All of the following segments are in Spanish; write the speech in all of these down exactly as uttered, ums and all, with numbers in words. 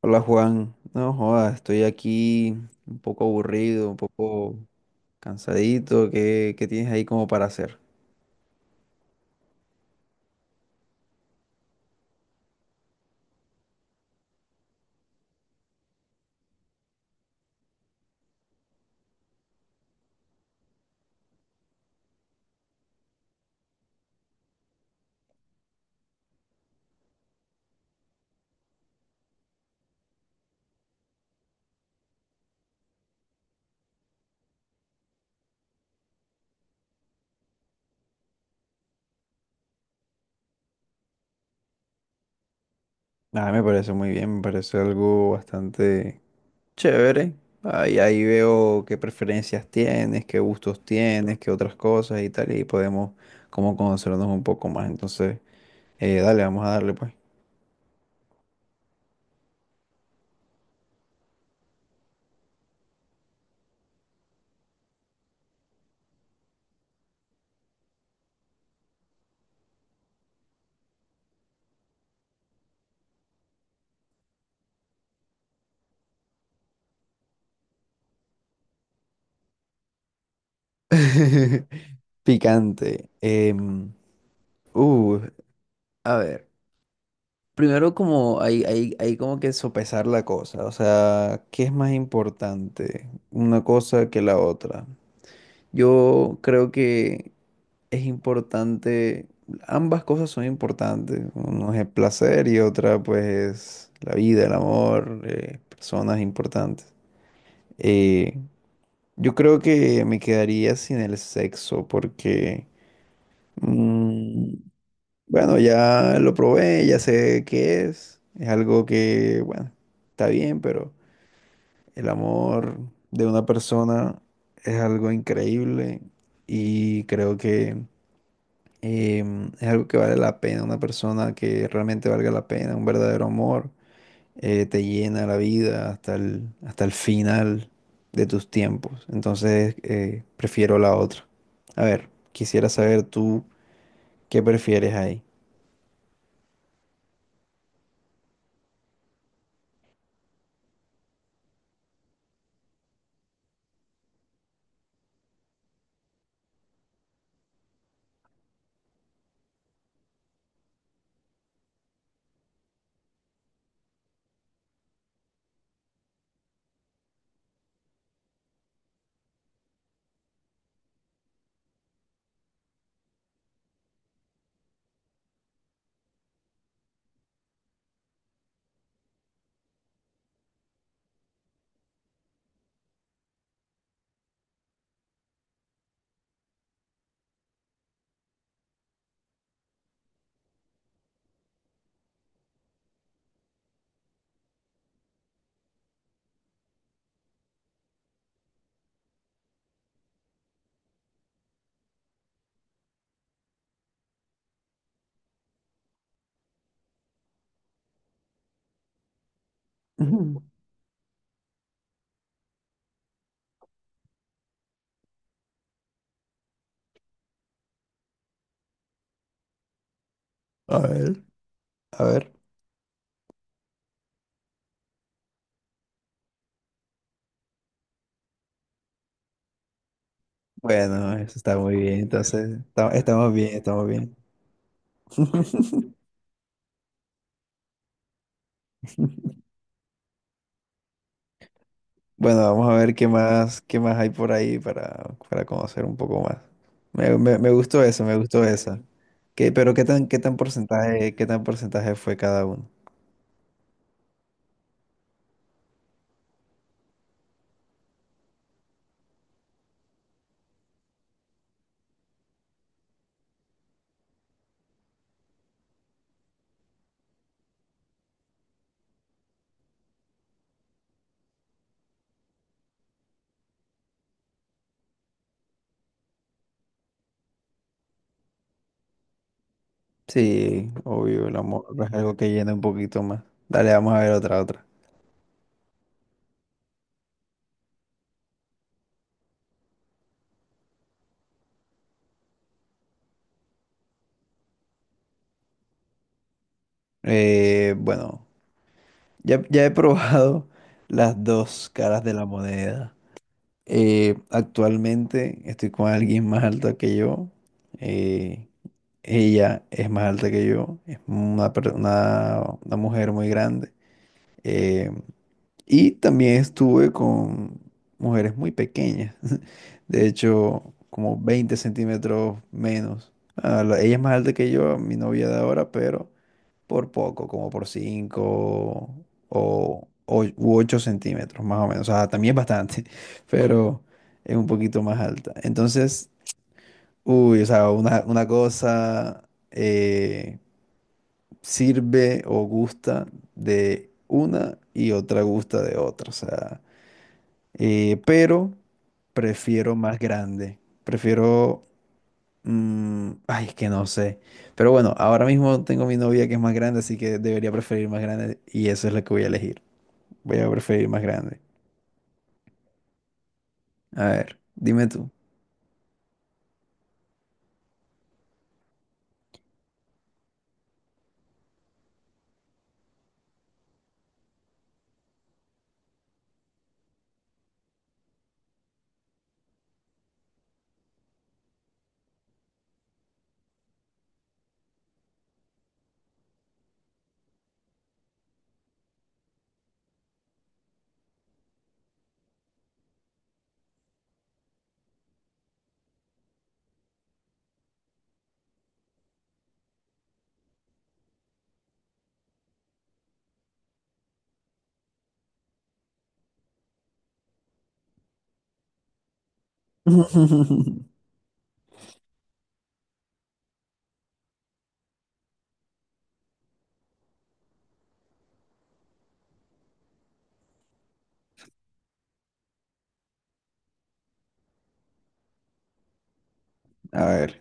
Hola Juan, no jodas, estoy aquí un poco aburrido, un poco cansadito. ¿Qué, qué tienes ahí como para hacer? Ah, me parece muy bien, me parece algo bastante chévere. Ahí, ahí veo qué preferencias tienes, qué gustos tienes, qué otras cosas y tal, y podemos como conocernos un poco más. Entonces, eh, dale, vamos a darle pues. Picante. em, uh, a ver. Primero como hay, hay, hay como que sopesar la cosa, o sea, ¿qué es más importante? Una cosa que la otra. Yo creo que es importante, ambas cosas son importantes, uno es el placer y otra pues es la vida, el amor, eh, personas importantes. Eh, yo creo que me quedaría sin el sexo porque… mm, bueno, ya lo probé, ya sé qué es. Es algo que, bueno, está bien, pero el amor de una persona es algo increíble y creo que em, es algo que vale la pena. Una persona que realmente valga la pena, un verdadero amor, eh, te llena la vida hasta el, hasta el final de tus tiempos. Entonces, eh, prefiero la otra. A ver, quisiera saber tú qué prefieres ahí. Ujú. A ver, a ver. Bueno, eso está muy bien, entonces esta- estamos bien, estamos bien. Bueno, vamos a ver qué más, qué más hay por ahí para, para conocer un poco más. Me, me- me gustó eso, me gustó esa. ¿Qué, pero qué tan, qué tan porcentaje, qué tan porcentaje fue cada uno? Sí, obvio, el amor es algo que llena un poquito más. Dale, vamos a ver otra, otra. Eh, bueno, ya, ya he probado las dos caras de la moneda. Eh, actualmente estoy con alguien más alta que yo. eh, ella es más alta que yo. Es una, per- una, una mujer muy grande. eh, y también estuve con mujeres muy pequeñas. De hecho, como veinte centímetros menos. Ah, la- ella es más alta que yo, mi novia de ahora, pero por poco, como por cinco o, ocho centímetros, más o menos. O sea, también es bastante, pero es un poquito más alta. Entonces, uy, o sea, una, una cosa eh, sirve o gusta de una y otra gusta de otra. O sea, eh, pero prefiero más grande. Prefiero Mm, ay, es que no sé. Pero bueno, ahora mismo tengo mi novia que es más grande, así que debería preferir más grande y eso es lo que voy a elegir. Voy a preferir más grande. A ver, dime tú. A ver.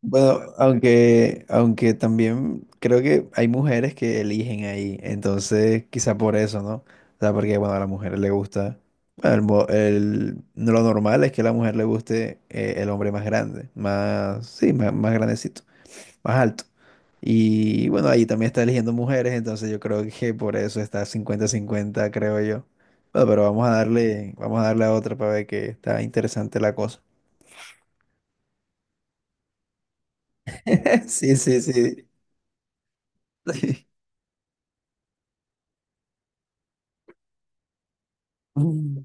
Bueno, aunque, aunque también creo que hay mujeres que eligen ahí, entonces quizá por eso, ¿no? O sea, porque bueno, a la mujer le gusta, bueno, el, mo- el- no, lo normal es que a la mujer le guste eh, el hombre más grande, más, sí, más, más grandecito, más alto. Y bueno, ahí también está eligiendo mujeres, entonces yo creo que por eso está cincuenta cincuenta creo yo. Bueno, pero vamos a darle, vamos a darle a otra para ver que está interesante la cosa. Sí, sí, sí. Mm.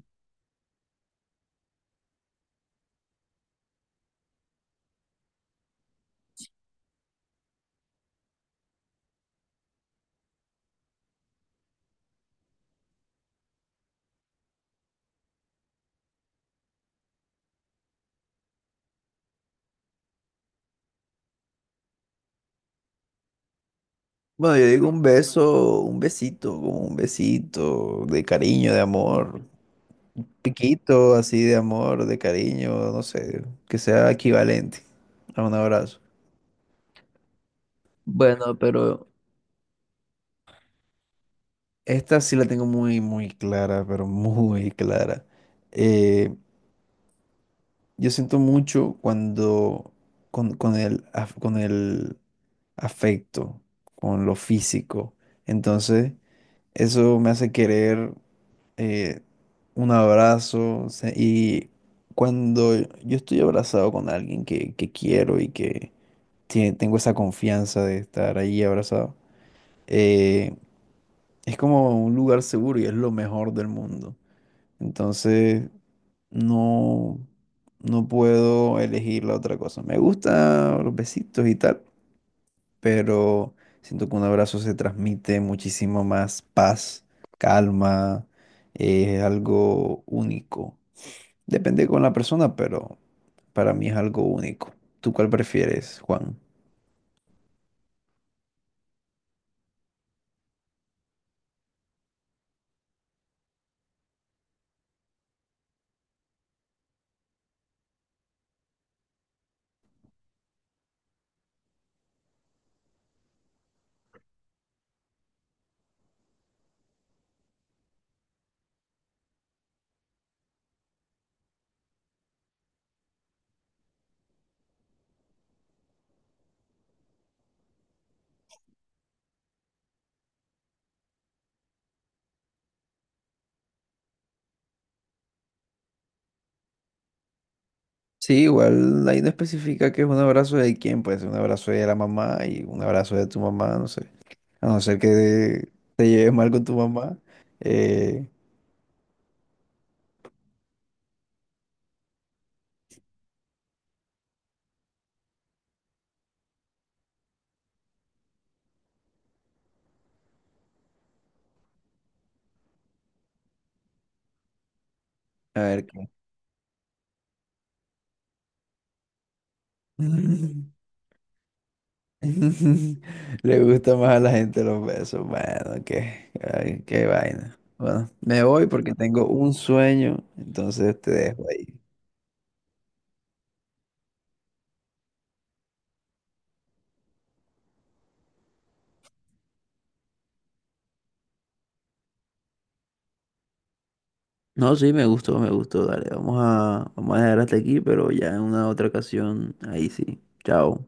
Bueno, yo digo un beso, un besito, como un besito de cariño, de amor, piquito así de amor, de cariño, no sé, que sea equivalente a un abrazo. Bueno, pero esta sí la tengo muy, muy clara, pero muy clara. Eh, yo siento mucho cuando con, con el, af- con el afecto, con lo físico. Entonces, eso me hace querer eh, un abrazo. se- Y cuando yo estoy abrazado con alguien que, que quiero y que tie- tengo esa confianza de estar ahí abrazado, eh, es como un lugar seguro y es lo mejor del mundo. Entonces, no, no puedo elegir la otra cosa. Me gusta los besitos y tal, pero siento que un abrazo se transmite muchísimo más paz, calma, eh, es algo único. Depende con la persona, pero para mí es algo único. ¿Tú cuál prefieres, Juan? Sí, igual ahí no especifica que es un abrazo de quién, puede ser un abrazo de la mamá y un abrazo de tu mamá, no sé. A no ser que te lleves mal con tu mamá. eh, a ver qué. Le gusta más a la gente los besos. Bueno, qué, ay, qué vaina. Bueno, me voy porque tengo un sueño, entonces te dejo ahí. No, sí, me gustó, me gustó. Dale, vamos a, vamos a dejar hasta aquí, pero ya en una otra ocasión, ahí sí. Chao.